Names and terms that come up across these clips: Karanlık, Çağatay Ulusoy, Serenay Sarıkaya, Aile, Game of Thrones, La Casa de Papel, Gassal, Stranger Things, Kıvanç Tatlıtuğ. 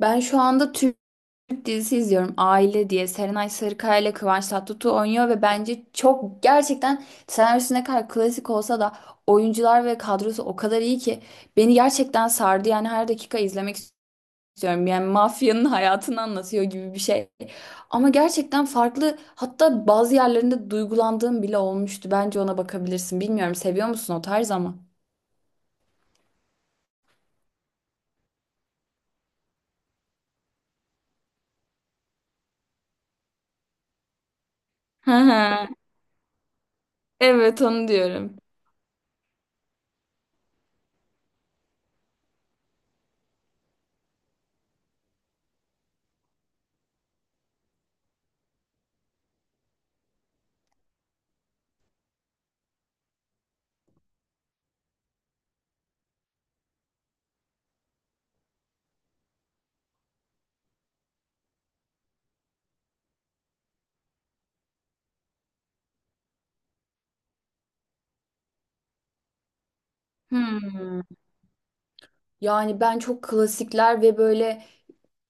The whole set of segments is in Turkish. Ben şu anda Türk dizisi izliyorum. Aile diye. Serenay Sarıkaya ile Kıvanç Tatlıtuğ oynuyor ve bence çok gerçekten senaryosu ne kadar klasik olsa da oyuncular ve kadrosu o kadar iyi ki beni gerçekten sardı. Yani her dakika izlemek istiyorum. Yani mafyanın hayatını anlatıyor gibi bir şey. Ama gerçekten farklı, hatta bazı yerlerinde duygulandığım bile olmuştu. Bence ona bakabilirsin. Bilmiyorum seviyor musun o tarz ama. Hı hı. Evet, onu diyorum. Hmm. Yani ben çok klasikler ve böyle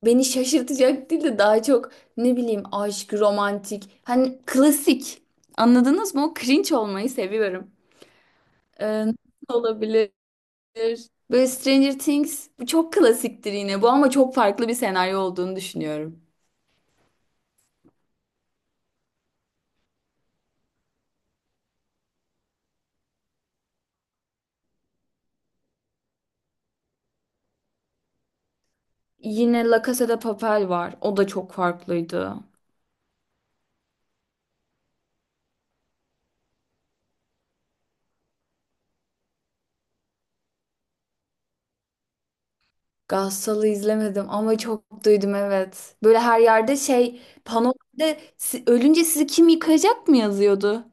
beni şaşırtacak değil de daha çok ne bileyim aşk, romantik. Hani klasik. Anladınız mı? O cringe olmayı seviyorum. Nasıl olabilir? Böyle Stranger Things, bu çok klasiktir yine bu, ama çok farklı bir senaryo olduğunu düşünüyorum. Yine La Casa de Papel var. O da çok farklıydı. Gassal'ı izlemedim ama çok duydum, evet. Böyle her yerde, şey, panolarda Ölünce sizi kim yıkayacak" mı yazıyordu.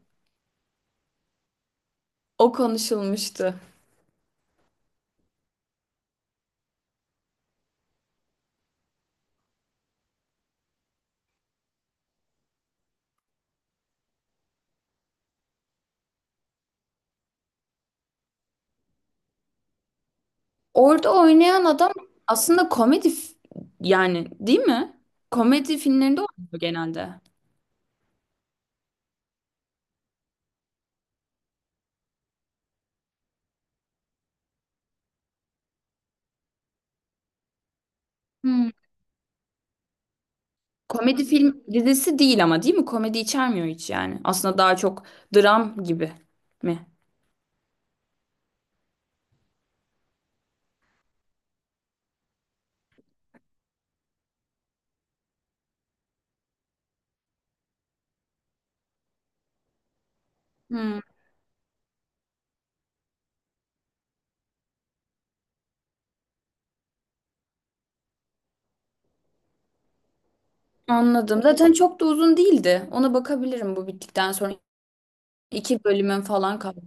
O konuşulmuştu. Orada oynayan adam aslında komedi yani, değil mi? Komedi filmlerinde oynuyor genelde. Hmm. Komedi film dizisi değil ama, değil mi? Komedi içermiyor hiç yani. Aslında daha çok dram gibi mi? Hmm. Anladım. Zaten çok da uzun değildi. Ona bakabilirim bu bittikten sonra. İki bölümün falan kaldı.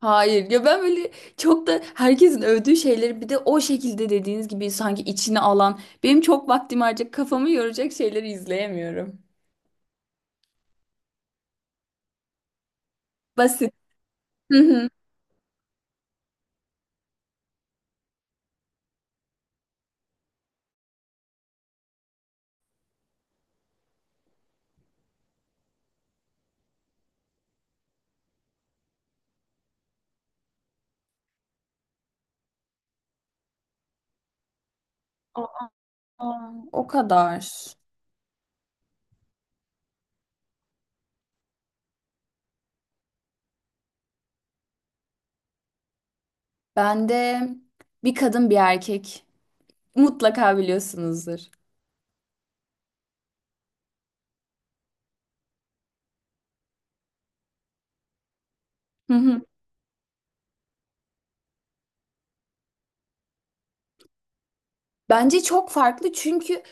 Hayır ya, ben böyle çok da herkesin övdüğü şeyleri, bir de o şekilde dediğiniz gibi sanki içine alan, benim çok vaktimi harcayacak, kafamı yoracak şeyleri izleyemiyorum. Basit. Hı hı. Aa, o kadar. Bende bir kadın bir erkek, mutlaka biliyorsunuzdur. Hı hı. Bence çok farklı, çünkü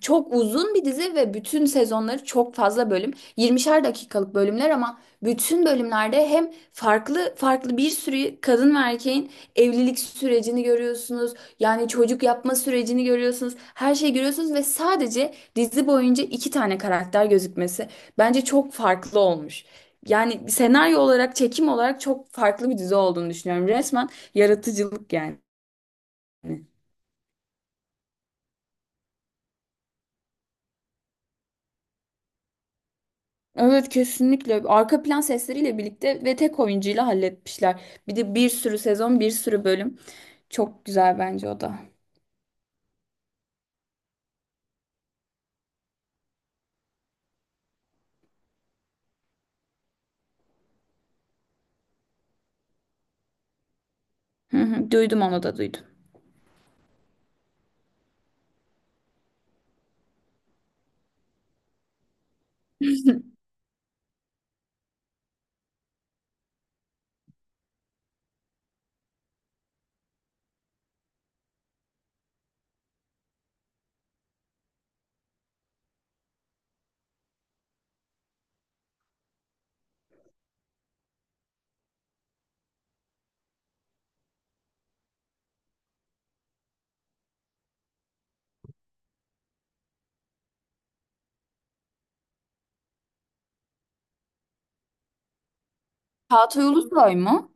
çok uzun bir dizi ve bütün sezonları çok fazla bölüm. 20'şer dakikalık bölümler ama bütün bölümlerde hem farklı farklı bir sürü kadın ve erkeğin evlilik sürecini görüyorsunuz. Yani çocuk yapma sürecini görüyorsunuz. Her şeyi görüyorsunuz ve sadece dizi boyunca iki tane karakter gözükmesi bence çok farklı olmuş. Yani senaryo olarak, çekim olarak çok farklı bir dizi olduğunu düşünüyorum. Resmen yaratıcılık yani. Evet, kesinlikle. Arka plan sesleriyle birlikte ve tek oyuncuyla halletmişler. Bir de bir sürü sezon, bir sürü bölüm. Çok güzel bence o da. Hı hı, duydum, onu da duydum. Çağatay Ulusoy mu?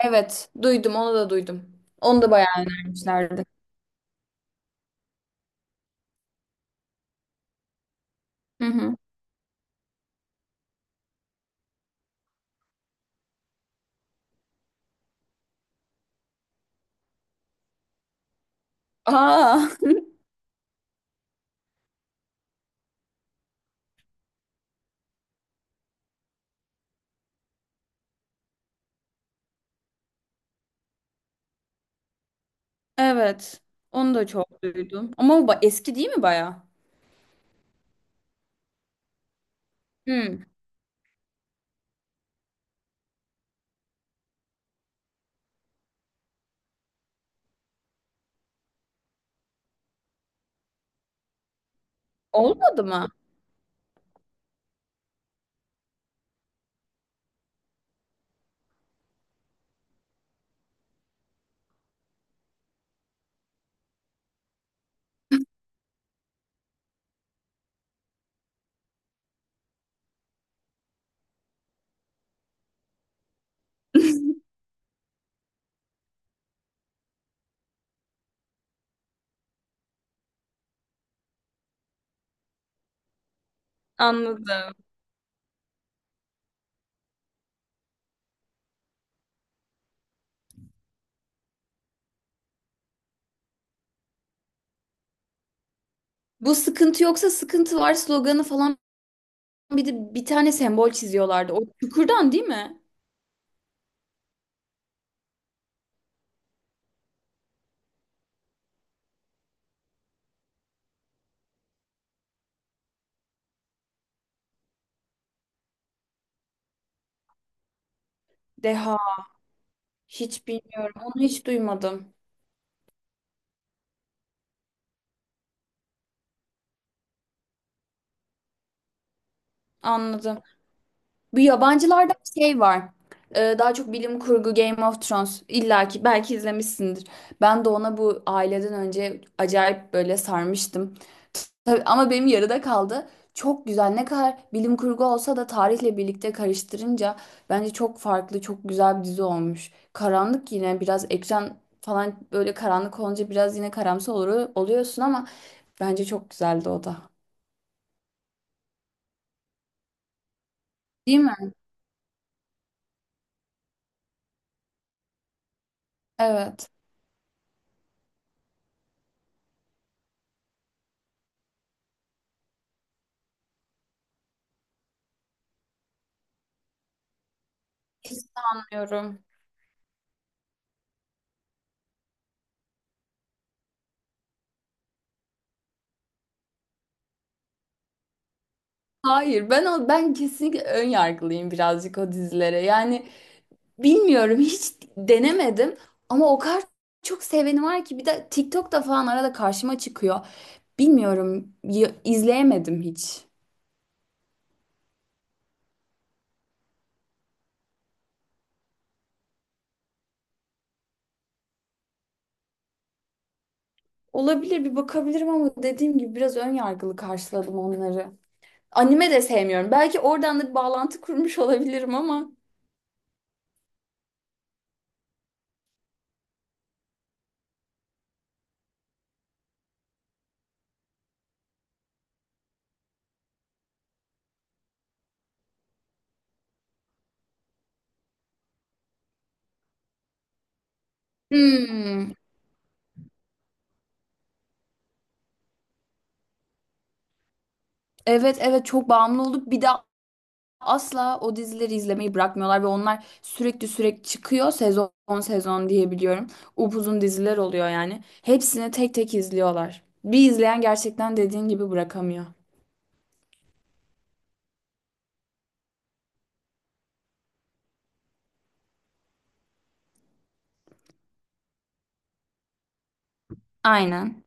Evet, duydum, onu da duydum. Onu da bayağı önermişlerdi. Hı hı. Aa, evet. Onu da çok duydum. Ama bu eski değil mi bayağı? Hı. Olmadı mı? Anladım. Bu sıkıntı yoksa sıkıntı var sloganı falan, bir de bir tane sembol çiziyorlardı. O çukurdan, değil mi? Deha. Hiç bilmiyorum. Onu hiç duymadım. Anladım. Bu yabancılarda bir şey var. Daha çok bilim kurgu, Game of Thrones. İlla ki belki izlemişsindir. Ben de ona bu aileden önce acayip böyle sarmıştım. Tabii, ama benim yarıda kaldı. Çok güzel. Ne kadar bilim kurgu olsa da tarihle birlikte karıştırınca bence çok farklı, çok güzel bir dizi olmuş. Karanlık yine biraz, ekran falan böyle karanlık olunca biraz yine karamsar olur, oluyorsun, ama bence çok güzeldi o da. Değil mi? Evet. Hiç. Anlıyorum. Hayır, ben o ben kesinlikle ön yargılıyım birazcık o dizilere. Yani bilmiyorum, hiç denemedim ama o kadar çok seveni var ki, bir de TikTok'ta falan arada karşıma çıkıyor. Bilmiyorum, izleyemedim hiç. Olabilir, bir bakabilirim ama dediğim gibi biraz ön yargılı karşıladım onları. Anime de sevmiyorum. Belki oradan da bir bağlantı kurmuş olabilirim ama. Hmm, Evet, evet, çok bağımlı olduk. Bir de asla o dizileri izlemeyi bırakmıyorlar ve onlar sürekli sürekli çıkıyor, sezon sezon diyebiliyorum. Upuzun diziler oluyor yani. Hepsini tek tek izliyorlar. Bir izleyen gerçekten dediğin gibi bırakamıyor. Aynen.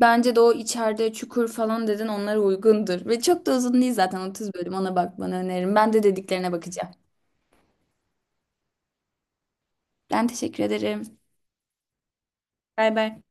Bence de o içeride, çukur falan dedin, onlara uygundur. Ve çok da uzun değil zaten, 30 bölüm, ona bakmanı öneririm. Ben de dediklerine bakacağım. Ben teşekkür ederim. Bay bay.